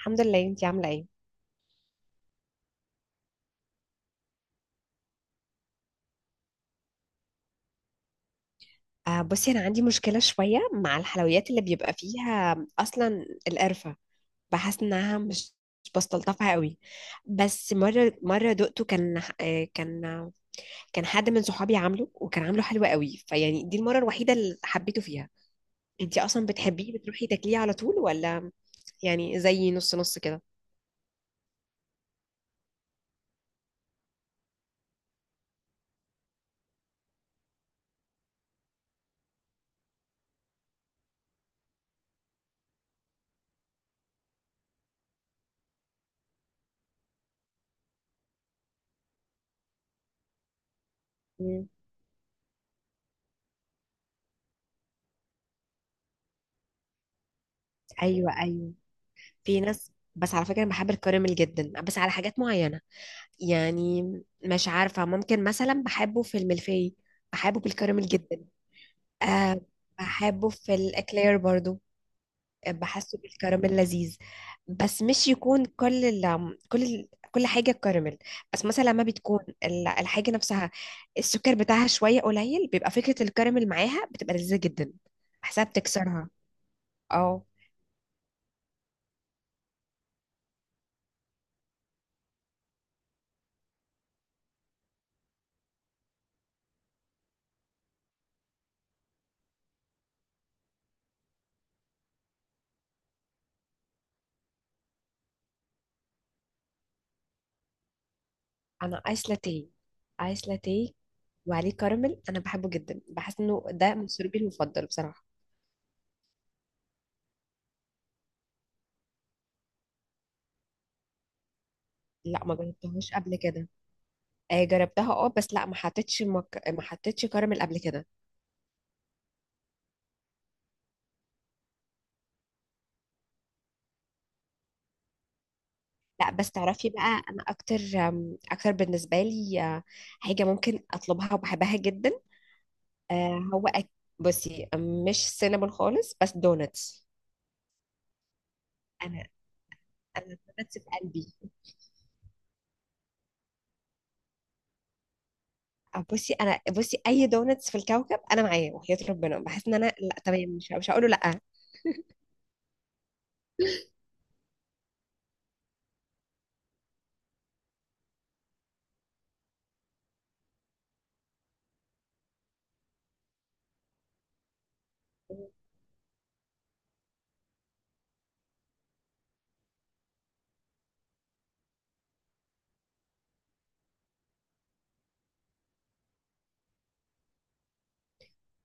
الحمد لله، انتي عامله ايه؟ آه بصي، انا عندي مشكله شويه مع الحلويات اللي بيبقى فيها اصلا القرفه. بحس انها مش بستلطفها قوي. بس مره مره دقته، كان حد من صحابي عامله وكان عامله حلو قوي، فيعني دي المره الوحيده اللي حبيته فيها. انتي اصلا بتحبيه بتروحي تاكليه على طول ولا يعني زي نص نص كده؟ مم. ايوه، ايوه. في ناس، بس على فكره انا بحب الكراميل جدا بس على حاجات معينه. يعني مش عارفة ممكن مثلا بحبه في الملفي، بحبه بالكراميل جدا. أه بحبه في الإكلير برضو. بحسه بالكراميل لذيذ، بس مش يكون كل حاجة كراميل. بس مثلا لما بتكون الحاجة نفسها السكر بتاعها شوية قليل، بيبقى فكرة الكراميل معاها بتبقى لذيذة جدا، بحسها بتكسرها. اه. أنا آيس لاتيه، آيس لاتيه وعليه كراميل، أنا بحبه جدا، بحس إنه ده مشروبي المفضل بصراحة. لا، ما جربتهاش قبل كده. آه جربتها، اه، بس لا ما حطيتش ما حطيتش كراميل قبل كده. لا بس تعرفي بقى، انا اكتر، اكتر بالنسبه لي، حاجه ممكن اطلبها وبحبها جدا. آه هو أك... بصي، مش سينابون خالص، بس دونتس. انا انا الدونتس في قلبي. بصي، انا اي دونتس في الكوكب انا معاه، وحياة ربنا بحس ان انا لا تمام، مش هقول له لا.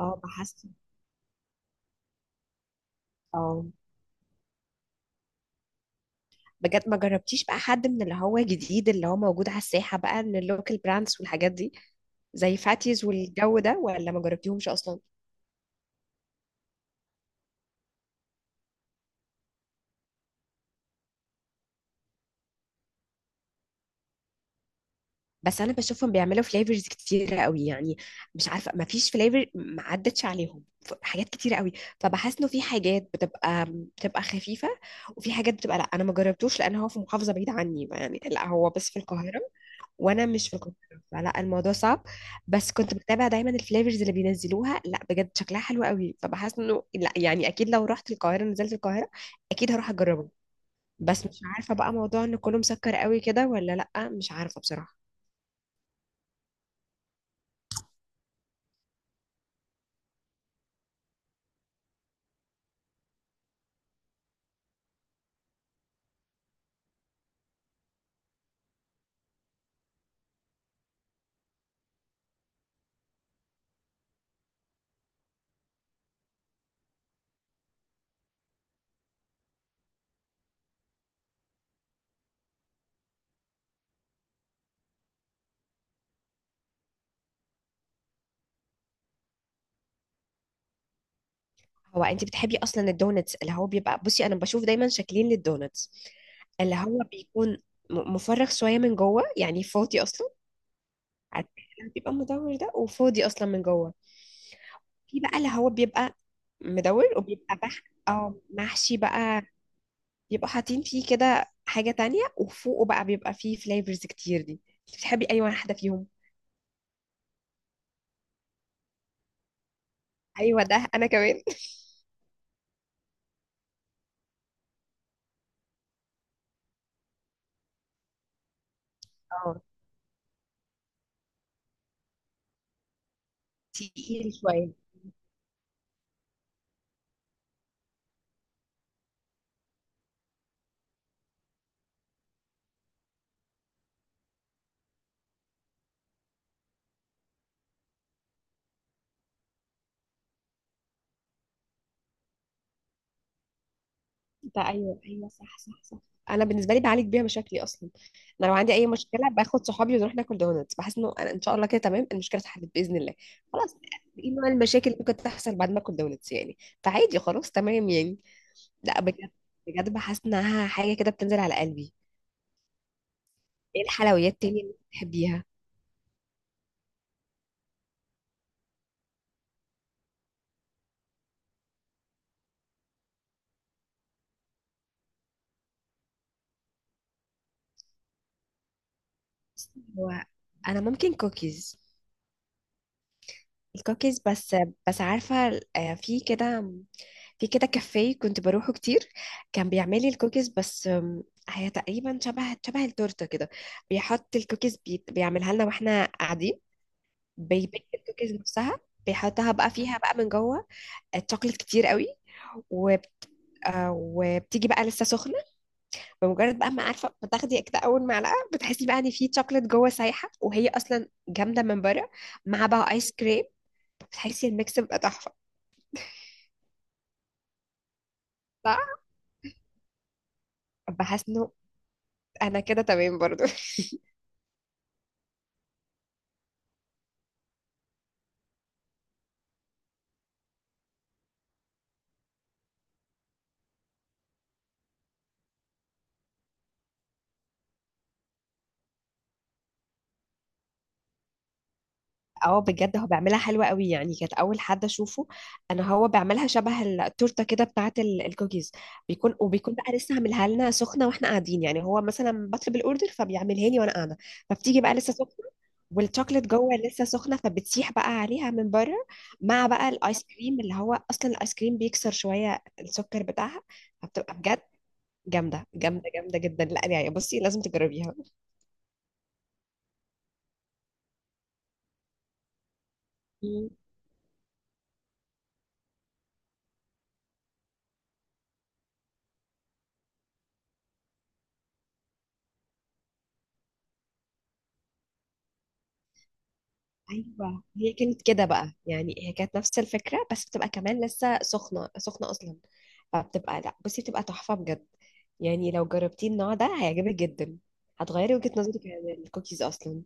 اه بحس. اه بجد ما جربتيش بقى حد من اللي هو جديد، اللي هو موجود على الساحة بقى، من اللوكال براندز والحاجات دي، زي فاتيز والجو ده، ولا ما جربتيهمش اصلا؟ بس انا بشوفهم بيعملوا فليفرز كتيره قوي، يعني مش عارفه، ما فيش فليفر ما عدتش عليهم، حاجات كتيره قوي. فبحس انه في حاجات بتبقى خفيفه، وفي حاجات بتبقى لا. انا ما جربتوش لان هو في محافظه بعيده عني، يعني لا هو بس في القاهره وانا مش في القاهره، فلا الموضوع صعب. بس كنت بتابع دايما الفليفرز اللي بينزلوها، لا بجد شكلها حلو قوي، فبحس انه لا يعني اكيد لو رحت القاهره، نزلت القاهره، اكيد هروح اجربه. بس مش عارفه بقى موضوع ان كله مسكر قوي كده، ولا لا، مش عارفه بصراحه. هو انت بتحبي اصلا الدونتس اللي هو بيبقى، بصي انا بشوف دايما شكلين للدونتس، اللي هو بيكون مفرغ شويه من جوه، يعني فاضي اصلا، عارفة، اللي بيبقى مدور ده وفاضي اصلا من جوه. في بقى اللي هو بيبقى مدور وبيبقى بح، او محشي بقى، بيبقوا حاطين فيه كده حاجه تانية، وفوقه بقى بيبقى فيه فليفرز كتير دي. انت بتحبي اي واحده فيهم؟ ايوه ده انا كمان. اه تقيل شويه. ده ايوه، ايوه، صح صح صح. انا بالنسبه لي بعالج بيها مشاكلي اصلا. انا لو عندي اي مشكله باخد صحابي ونروح ناكل دونتس، بحس انه انا ان شاء الله كده تمام، المشكله اتحلت باذن الله. خلاص. ايه نوع المشاكل اللي ممكن تحصل بعد ما اكل دونتس يعني؟ فعادي خلاص تمام يعني. لا بجد، بجد بحس انها حاجه كده بتنزل على قلبي. ايه الحلويات تاني اللي بتحبيها؟ هو انا ممكن كوكيز، الكوكيز بس. بس عارفة، في كده، في كده كافيه كنت بروحه كتير، كان بيعملي الكوكيز بس. هي تقريبا شبه التورتة كده، بيحط الكوكيز بيعملها لنا واحنا قاعدين، بيبيك الكوكيز نفسها، بيحطها بقى فيها بقى من جوه الشوكليت كتير قوي. وب... آه، وبتيجي بقى لسه سخنة، بمجرد بقى ما عارفة بتاخدي كده أول معلقة، بتحسي بقى إن في شوكليت جوه سايحة، وهي أصلا جامدة من بره، مع بقى آيس كريم، بتحسي الميكس بقى تحفة. بحس انه انا كده تمام برضو اه بجد هو بيعملها حلوة قوي، يعني كانت اول حد اشوفه. انا هو بيعملها شبه التورته كده بتاعه الكوكيز، وبيكون بقى لسه عاملها لنا سخنه واحنا قاعدين، يعني هو مثلا بطلب الاوردر فبيعملها لي وانا قاعده، فبتيجي بقى لسه سخنه، والشوكليت جوه لسه سخنه، فبتسيح بقى عليها من بره، مع بقى الايس كريم، اللي هو اصلا الايس كريم بيكسر شويه السكر بتاعها، فبتبقى بجد جامده جدا. لا يعني بصي لازم تجربيها. ايوه هي كانت كده بقى، يعني هي كانت نفس الفكره، بس بتبقى كمان لسه سخنه اصلا. فبتبقى، لا بصي بتبقى تحفه بجد، يعني لو جربتي النوع ده هيعجبك جدا، هتغيري وجهه نظرك عن الكوكيز اصلا.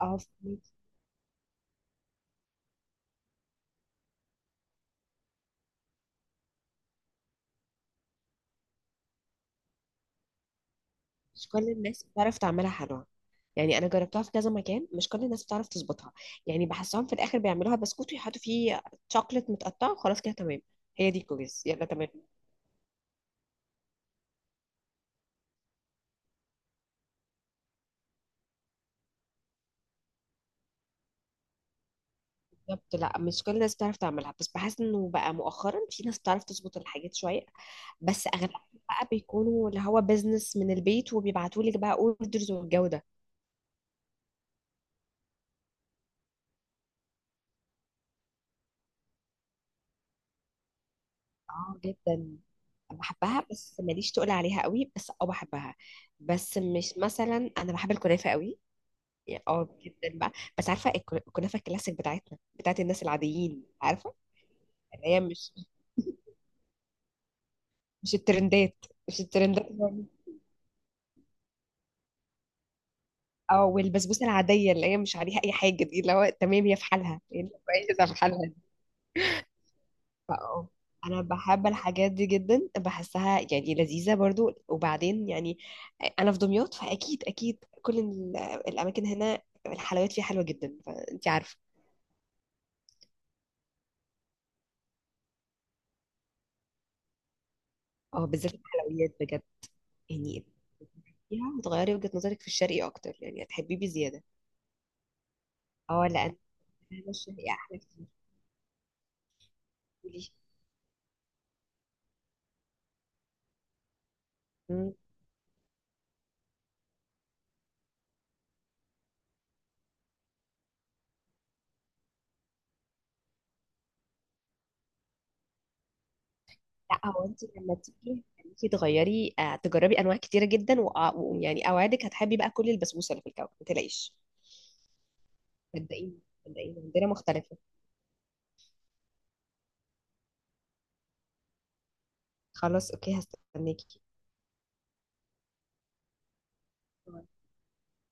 اه فهميكي. مش كل الناس بتعرف تعملها حلوه، يعني انا جربتها في كذا مكان، مش كل الناس بتعرف تظبطها، يعني بحسهم في الاخر بيعملوها بسكوت ويحطوا فيه شوكليت متقطع وخلاص كده تمام، هي دي كوكيز يلا تمام. بالظبط، لا مش كل الناس بتعرف تعملها، بس بحس انه بقى مؤخرا في ناس بتعرف تظبط الحاجات شويه، بس اغلبهم بقى بيكونوا اللي هو بيزنس من البيت، وبيبعتوا لك بقى اوردرز والجو ده. اه جدا، بحبها بس ماليش تقول عليها قوي، بس اه بحبها. بس مش مثلا، انا بحب الكنافه قوي. اه جدا بقى. بس عارفه الكنافه الكلاسيك بتاعتنا، بتاعت الناس العاديين، عارفه، اللي هي مش، مش الترندات مش الترندات. اه والبسبوسه العاديه اللي هي مش عليها اي حاجه، دي اللي هو تمام، هي في حالها يعني، كويسه في حالها دي. اه انا بحب الحاجات دي جدا، بحسها يعني لذيذه برضو، وبعدين يعني انا في دمياط، فاكيد اكيد كل الاماكن هنا الحلويات فيها حلوه جدا، فانت عارفه. اه بالذات الحلويات بجد يعني فيها، وتغيري وجهه نظرك في الشرقي اكتر، يعني هتحبيه بزياده. اه لا انا فاهمة، الشرقي احلى كتير. قولي. إمم. لا هو انت لما تيجي انت تغيري، تجربي انواع كتيره جدا، ويعني اوعدك هتحبي بقى، كل البسبوسه اللي في الكون ما تلاقيش. صدقيني، صدقيني عندنا مختلفه. خلاص اوكي، هستناكي.